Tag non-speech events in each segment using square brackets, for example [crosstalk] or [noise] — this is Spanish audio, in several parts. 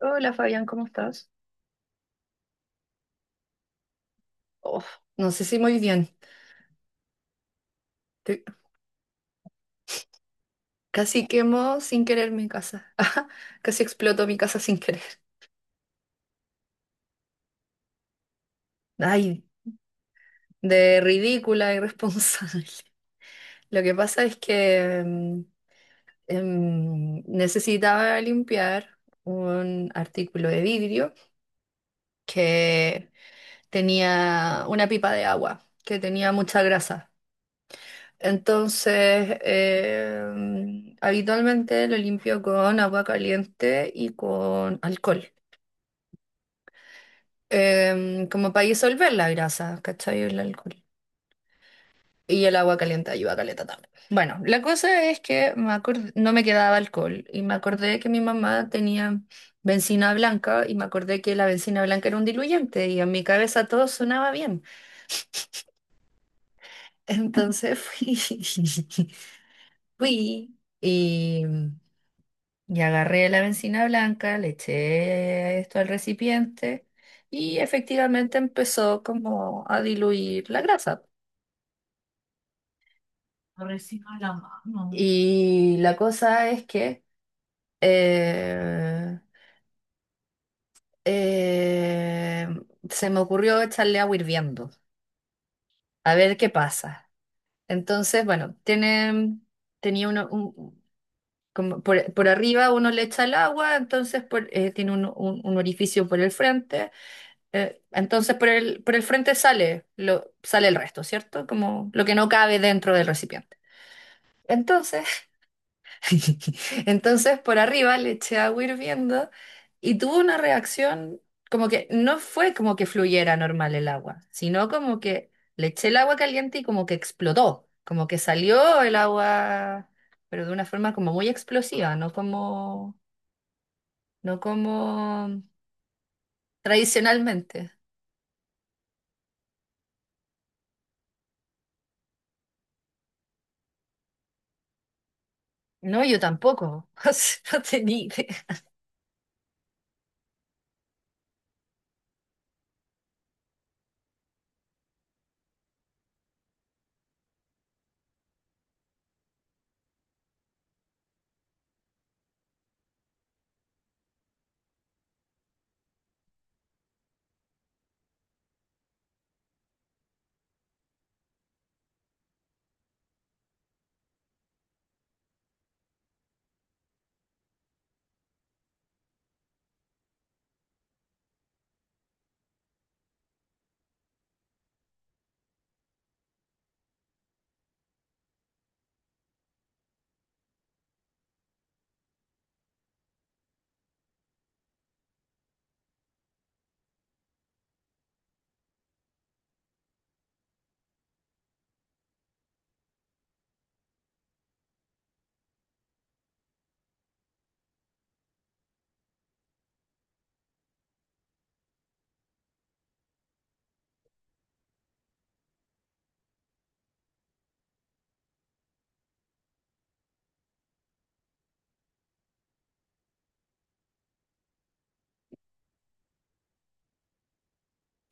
Hola Fabián, ¿cómo estás? Oh, no sé si muy bien. Te- Casi quemó sin querer mi casa. [laughs] Ajá, casi explotó mi casa sin querer. Ay, de ridícula, irresponsable. [laughs] Lo que pasa es que necesitaba limpiar un artículo de vidrio que tenía una pipa de agua, que tenía mucha grasa. Entonces, habitualmente lo limpio con agua caliente y con alcohol, como para disolver la grasa, ¿cachai? El alcohol. Y el agua caliente ayuda a caleta también. Bueno, la cosa es que no me quedaba alcohol y me acordé que mi mamá tenía bencina blanca y me acordé que la bencina blanca era un diluyente y en mi cabeza todo sonaba bien. Entonces fui, [laughs] fui y... y agarré la bencina blanca, le eché esto al recipiente y efectivamente empezó como a diluir la grasa. Reciba la mano. Y la cosa es que eh, eh, se me ocurrió echarle agua hirviendo, a ver qué pasa. Entonces, bueno, tenía como por arriba uno le echa el agua, tiene un orificio por el frente. Entonces por por el frente sale, sale el resto, ¿cierto? Como lo que no cabe dentro del recipiente. Entonces, [laughs] entonces por arriba le eché agua hirviendo y tuvo una reacción como que no fue como que fluyera normal el agua, sino como que le eché el agua caliente y como que explotó, como que salió el agua, pero de una forma como muy explosiva, no como tradicionalmente. No, yo tampoco. [laughs] O sea, no tenía idea.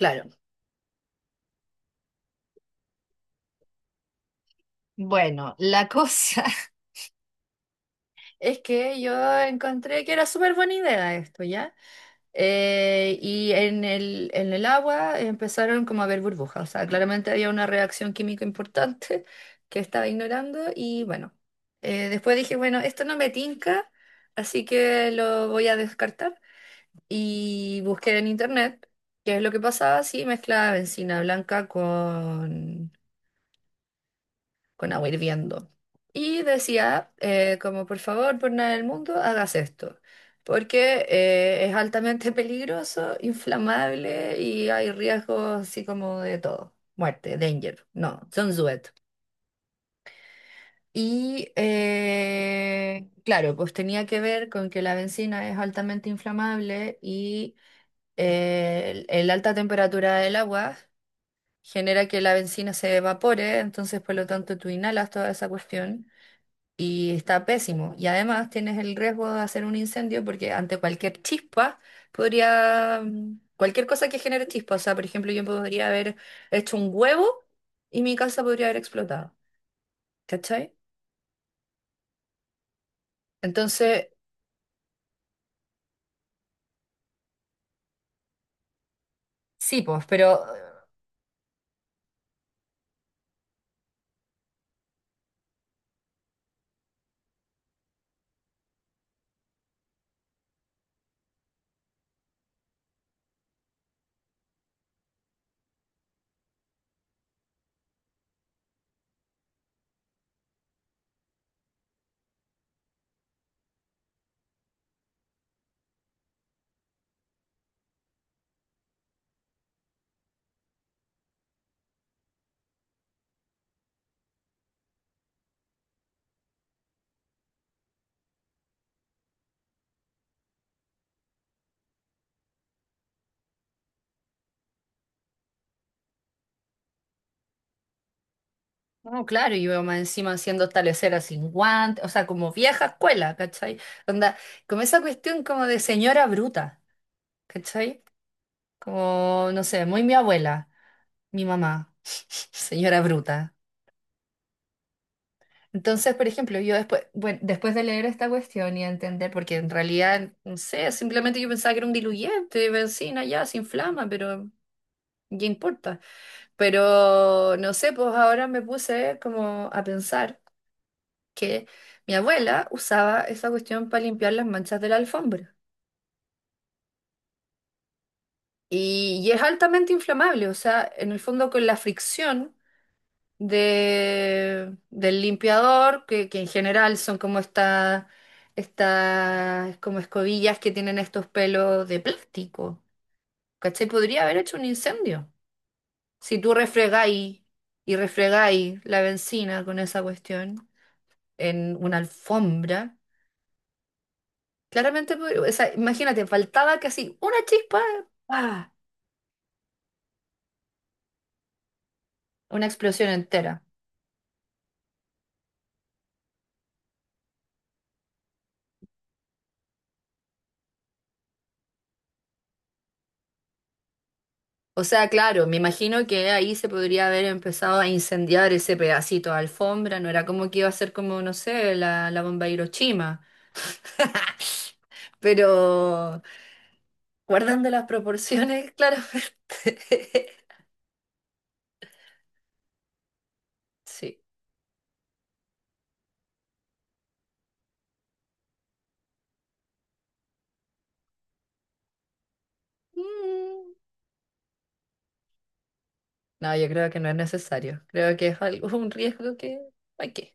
Claro. Bueno, la cosa [laughs] es que yo encontré que era súper buena idea esto, ¿ya? Y en en el agua empezaron como a ver burbujas, o sea, claramente había una reacción química importante [laughs] que estaba ignorando y bueno, después dije, bueno, esto no me tinca, así que lo voy a descartar y busqué en internet qué es lo que pasaba si mezclaba bencina blanca con agua hirviendo. Y decía, como por favor, por nada del mundo, hagas esto, porque es altamente [laughs] peligroso, inflamable y hay riesgos así como de todo. Muerte, danger, no, don't do it. Y claro, pues tenía que ver con que la benzina es altamente inflamable y el alta temperatura del agua genera que la benzina se evapore, entonces por lo tanto tú inhalas toda esa cuestión y está pésimo. Y además tienes el riesgo de hacer un incendio porque ante cualquier chispa cualquier cosa que genere chispa, o sea, por ejemplo, yo podría haber hecho un huevo y mi casa podría haber explotado, ¿cachai? Entonces, sí, pues, no, claro, y veo más encima haciendo estaleceras sin guantes, o sea, como vieja escuela, ¿cachai? Onda, como esa cuestión como de señora bruta, ¿cachai? Como, no sé, muy mi abuela, mi mamá, [laughs] señora bruta. Entonces, por ejemplo, yo después, bueno, después de leer esta cuestión y entender, porque en realidad, no sé, simplemente yo pensaba que era un diluyente, benzina, ya, se inflama, pero ¿qué importa? Pero, no sé, pues ahora me puse como a pensar que mi abuela usaba esa cuestión para limpiar las manchas de la alfombra. Y es altamente inflamable, o sea, en el fondo con la fricción. Del limpiador, que en general son como estas como escobillas que tienen estos pelos de plástico. ¿Cachai? Podría haber hecho un incendio. Si tú refregáis y refregáis la benzina con esa cuestión en una alfombra, claramente, o sea, imagínate, faltaba casi una chispa, ¡pa! Una explosión entera. O sea, claro, me imagino que ahí se podría haber empezado a incendiar ese pedacito de alfombra, no era como que iba a ser como, no sé, la bomba de Hiroshima. [laughs] Pero guardando las proporciones, claramente. [laughs] Sí. Mm. No, yo creo que no es necesario. Creo que es algo, un riesgo que... ¿Para qué?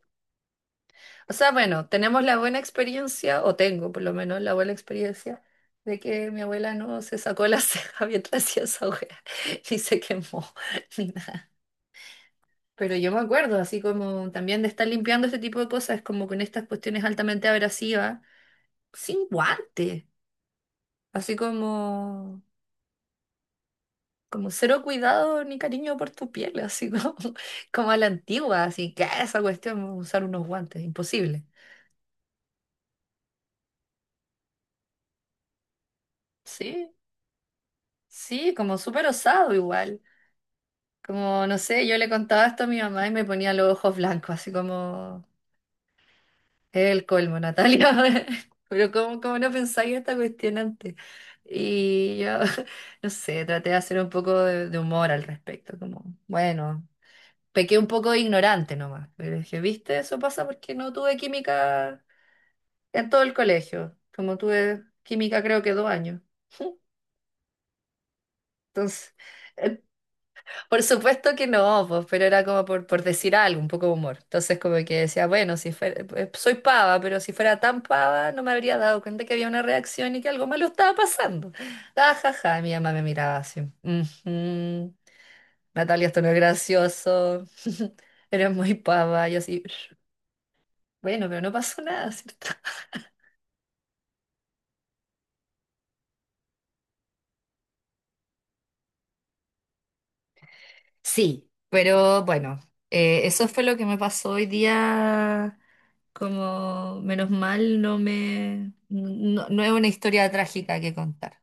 O sea, bueno, tenemos la buena experiencia, o tengo por lo menos la buena experiencia, de que mi abuela no se sacó la ceja [laughs] mientras hacía esa hoguera, [laughs] ni se quemó, [laughs] ni nada. Pero yo me acuerdo, así como también de estar limpiando este tipo de cosas, como con estas cuestiones altamente abrasivas, sin guante, así como, como cero cuidado ni cariño por tu piel, así como, [laughs] como a la antigua, así que esa cuestión, usar unos guantes, imposible. Sí, sí, como súper osado igual. Como, no sé, yo le contaba esto a mi mamá y me ponía los ojos blancos, así como, es el colmo, Natalia. [laughs] Pero ¿cómo, cómo no pensáis esta cuestión antes? Y yo, [laughs] no sé, traté de hacer un poco de humor al respecto, como, bueno, pequé un poco de ignorante nomás. Pero dije, ¿viste? Eso pasa porque no tuve química en todo el colegio, como tuve química creo que 2 años. [laughs] Entonces, por supuesto que no, pues, pero era como por decir algo, un poco de humor. Entonces como que decía, bueno, si fuera, soy pava, pero si fuera tan pava no me habría dado cuenta que había una reacción y que algo malo estaba pasando. Ah, ja, ja, mi mamá me miraba así. "Ujú, Natalia, esto no es gracioso. [laughs] Eres muy pava". Yo así, bueno, pero no pasó nada, ¿cierto? Sí, pero bueno, eso fue lo que me pasó hoy día. Como menos mal, no me, no, no es una historia trágica que contar.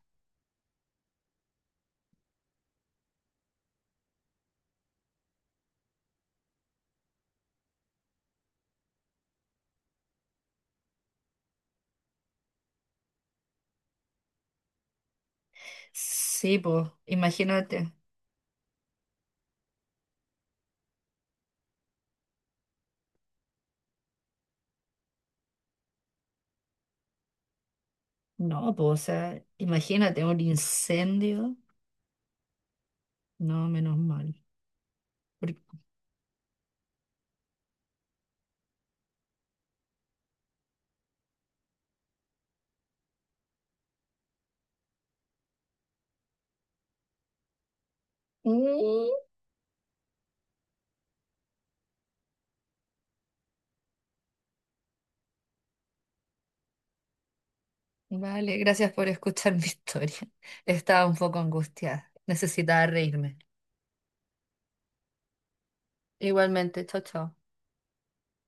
Sí, pues, imagínate. No, pues, o sea, imagínate un incendio. No, menos mal. Porque- Mm. Vale, gracias por escuchar [laughs] mi historia. Estaba un poco angustiada. Necesitaba reírme. Igualmente, chao, chao.